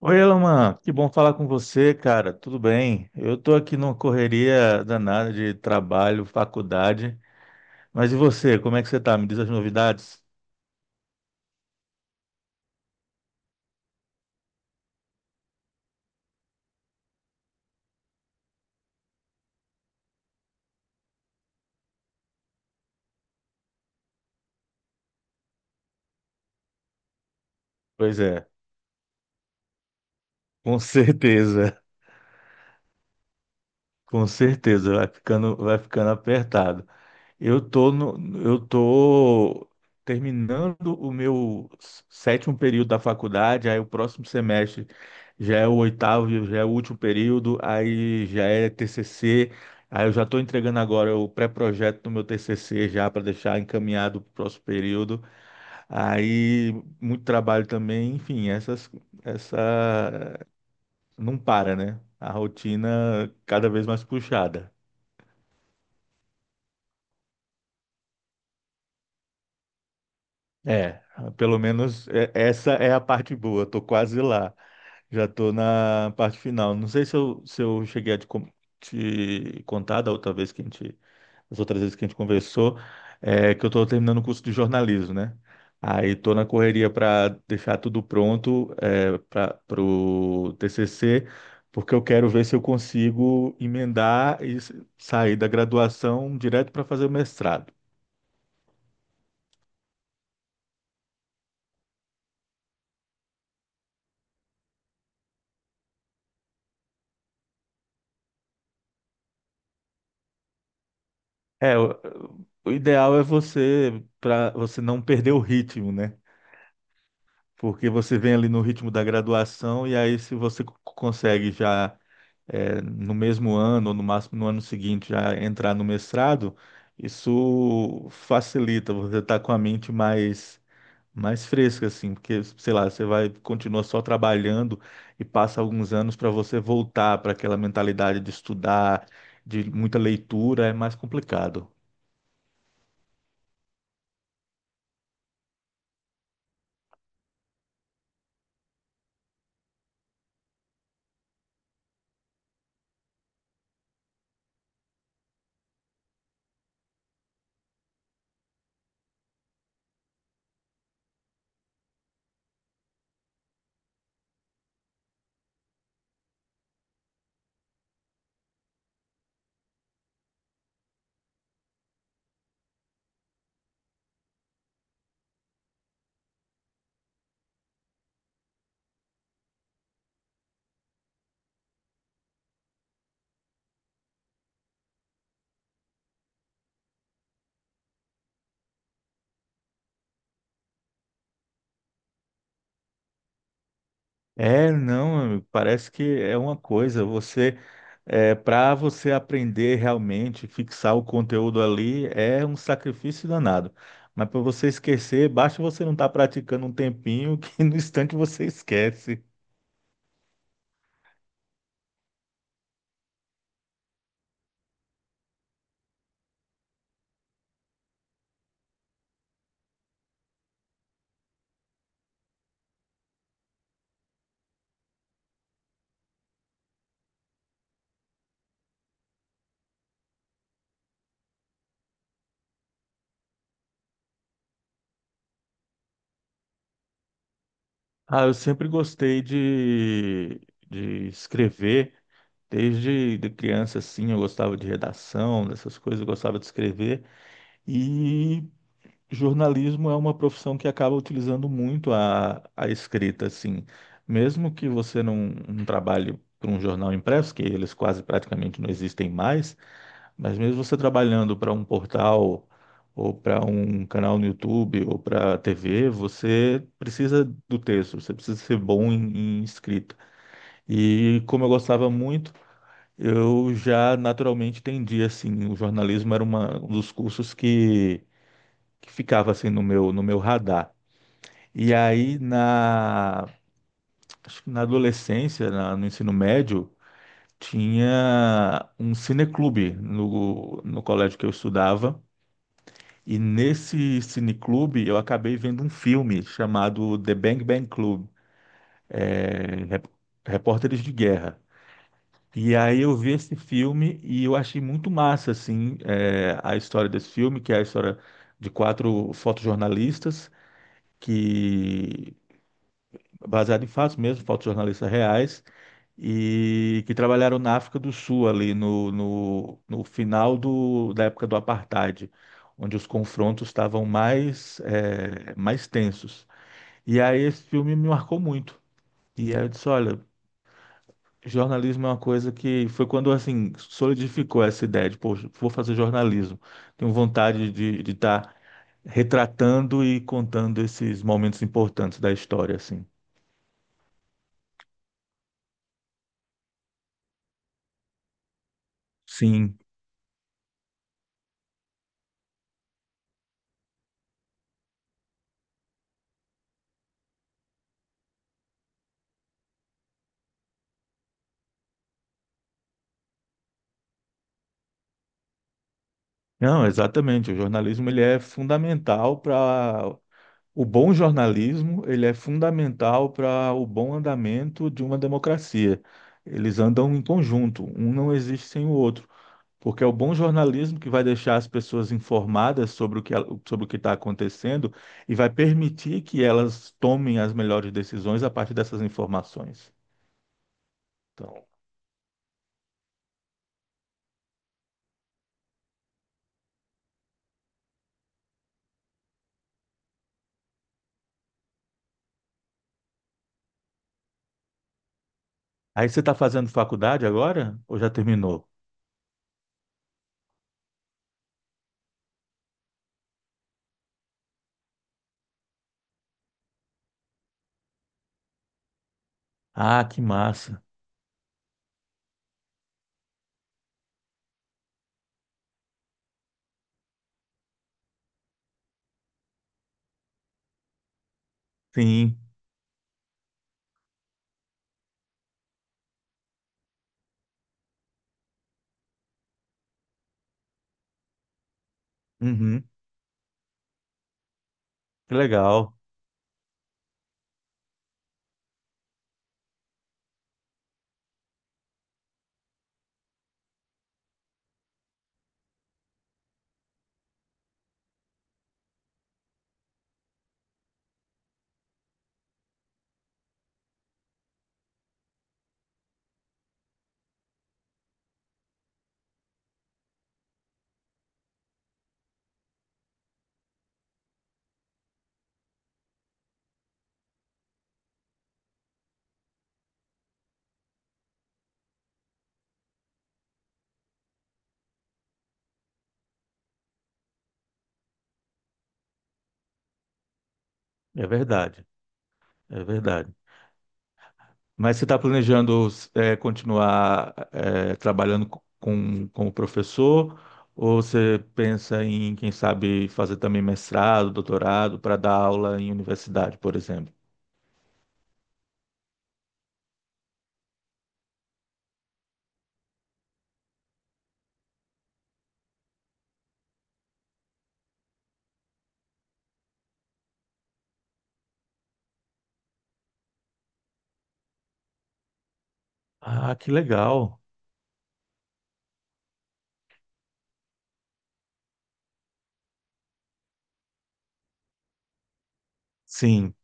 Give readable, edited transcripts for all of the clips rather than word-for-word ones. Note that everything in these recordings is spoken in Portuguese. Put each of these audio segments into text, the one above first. Oi, Elaman, que bom falar com você, cara. Tudo bem? Eu tô aqui numa correria danada de trabalho, faculdade. Mas e você? Como é que você tá? Me diz as novidades? Pois é, com certeza, com certeza vai ficando apertado. Eu tô no, eu tô terminando o meu sétimo período da faculdade. Aí o próximo semestre já é o oitavo, já é o último período, aí já é TCC, aí eu já estou entregando agora o pré-projeto do meu TCC já para deixar encaminhado para o próximo período. Aí muito trabalho também, enfim, essa não para, né? A rotina cada vez mais puxada. É, pelo menos essa é a parte boa. Eu tô quase lá. Já estou na parte final. Não sei se eu cheguei a te contar da outra vez que a gente, das outras vezes que a gente conversou, é, que eu estou terminando o curso de jornalismo, né? Aí estou na correria para deixar tudo pronto, é, para o TCC, porque eu quero ver se eu consigo emendar e sair da graduação direto para fazer o mestrado. É, o, o ideal é você para você não perder o ritmo, né? Porque você vem ali no ritmo da graduação e aí se você consegue já, é, no mesmo ano ou no máximo no ano seguinte, já entrar no mestrado, isso facilita. Você tá com a mente mais fresca assim, porque sei lá, você vai continua só trabalhando e passa alguns anos para você voltar para aquela mentalidade de estudar, de muita leitura, é mais complicado. É, não, amigo, parece que é uma coisa. Para você aprender realmente, fixar o conteúdo ali, é um sacrifício danado. Mas para você esquecer, basta você não estar praticando um tempinho que no instante você esquece. Ah, eu sempre gostei de escrever, desde de criança, assim. Eu gostava de redação, dessas coisas, eu gostava de escrever. E jornalismo é uma profissão que acaba utilizando muito a escrita, assim. Mesmo que você não, não trabalhe para um jornal impresso, que eles quase praticamente não existem mais, mas mesmo você trabalhando para um portal, ou para um canal no YouTube, ou para TV, você precisa do texto, você precisa ser bom em, em escrita. E como eu gostava muito, eu já naturalmente tendia, assim, o jornalismo era uma, um dos cursos que ficava assim no meu radar. E aí na, Acho que na adolescência, no ensino médio, tinha um cineclube no colégio que eu estudava. E nesse cineclube eu acabei vendo um filme chamado The Bang Bang Club, é, Repórteres de Guerra. E aí eu vi esse filme e eu achei muito massa assim, é, a história desse filme, que é a história de quatro fotojornalistas que, baseado em fatos mesmo, fotos jornalistas reais, e que trabalharam na África do Sul, ali no final do, da época do apartheid, onde os confrontos estavam mais, mais tensos. E aí esse filme me marcou muito. E aí eu disse, olha, jornalismo é uma coisa que foi quando, assim, solidificou essa ideia de, poxa, vou fazer jornalismo. Tenho vontade de estar retratando e contando esses momentos importantes da história, assim. Sim. Não, exatamente. O jornalismo ele é fundamental para o bom jornalismo, ele é fundamental para o bom andamento de uma democracia. Eles andam em conjunto, um não existe sem o outro, porque é o bom jornalismo que vai deixar as pessoas informadas sobre sobre o que está acontecendo e vai permitir que elas tomem as melhores decisões a partir dessas informações. Então, aí você está fazendo faculdade agora ou já terminou? Ah, que massa! Sim. Uhum. Que legal. É verdade, é verdade. Mas você está planejando, é, continuar, é, trabalhando como professor, ou você pensa em, quem sabe, fazer também mestrado, doutorado, para dar aula em universidade, por exemplo? Ah, que legal. Sim.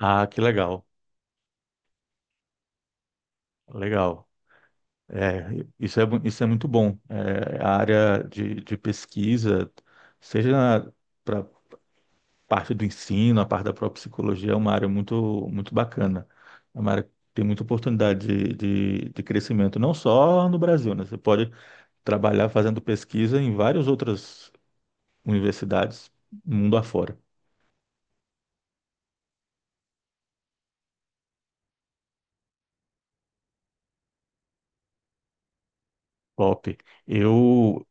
Ah, que legal. Legal. É, isso é, isso é muito bom. É, a área de pesquisa, seja parte do ensino, a parte da própria psicologia, é uma área muito, muito bacana. É uma área que tem muita oportunidade de, de crescimento, não só no Brasil, né? Você pode trabalhar fazendo pesquisa em várias outras universidades, mundo afora. Top. Eu.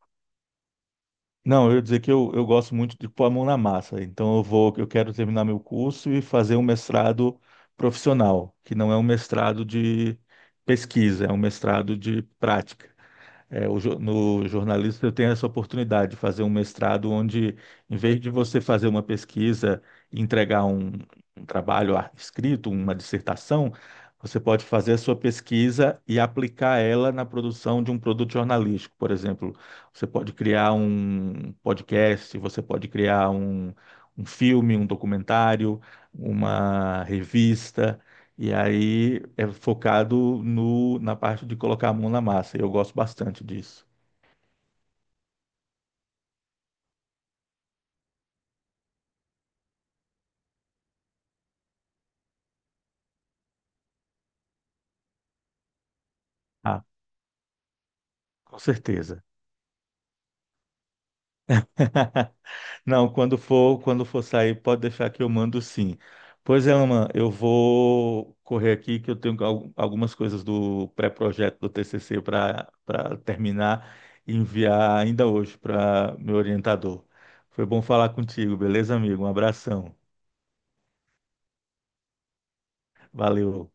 Não, eu ia dizer que eu gosto muito de pôr a mão na massa. Então eu vou, eu quero terminar meu curso e fazer um mestrado profissional, que não é um mestrado de pesquisa, é um mestrado de prática. É, o no jornalista eu tenho essa oportunidade de fazer um mestrado onde, em vez de você fazer uma pesquisa e entregar um trabalho escrito, uma dissertação, você pode fazer a sua pesquisa e aplicar ela na produção de um produto jornalístico. Por exemplo, você pode criar um podcast, você pode criar um filme, um documentário, uma revista. E aí é focado no, na parte de colocar a mão na massa. E eu gosto bastante disso. Ah, com certeza. Não, quando for, quando for sair, pode deixar que eu mando sim. Pois é, Aman, eu vou correr aqui que eu tenho algumas coisas do pré-projeto do TCC para para terminar e enviar ainda hoje para meu orientador. Foi bom falar contigo, beleza, amigo? Um abração. Valeu.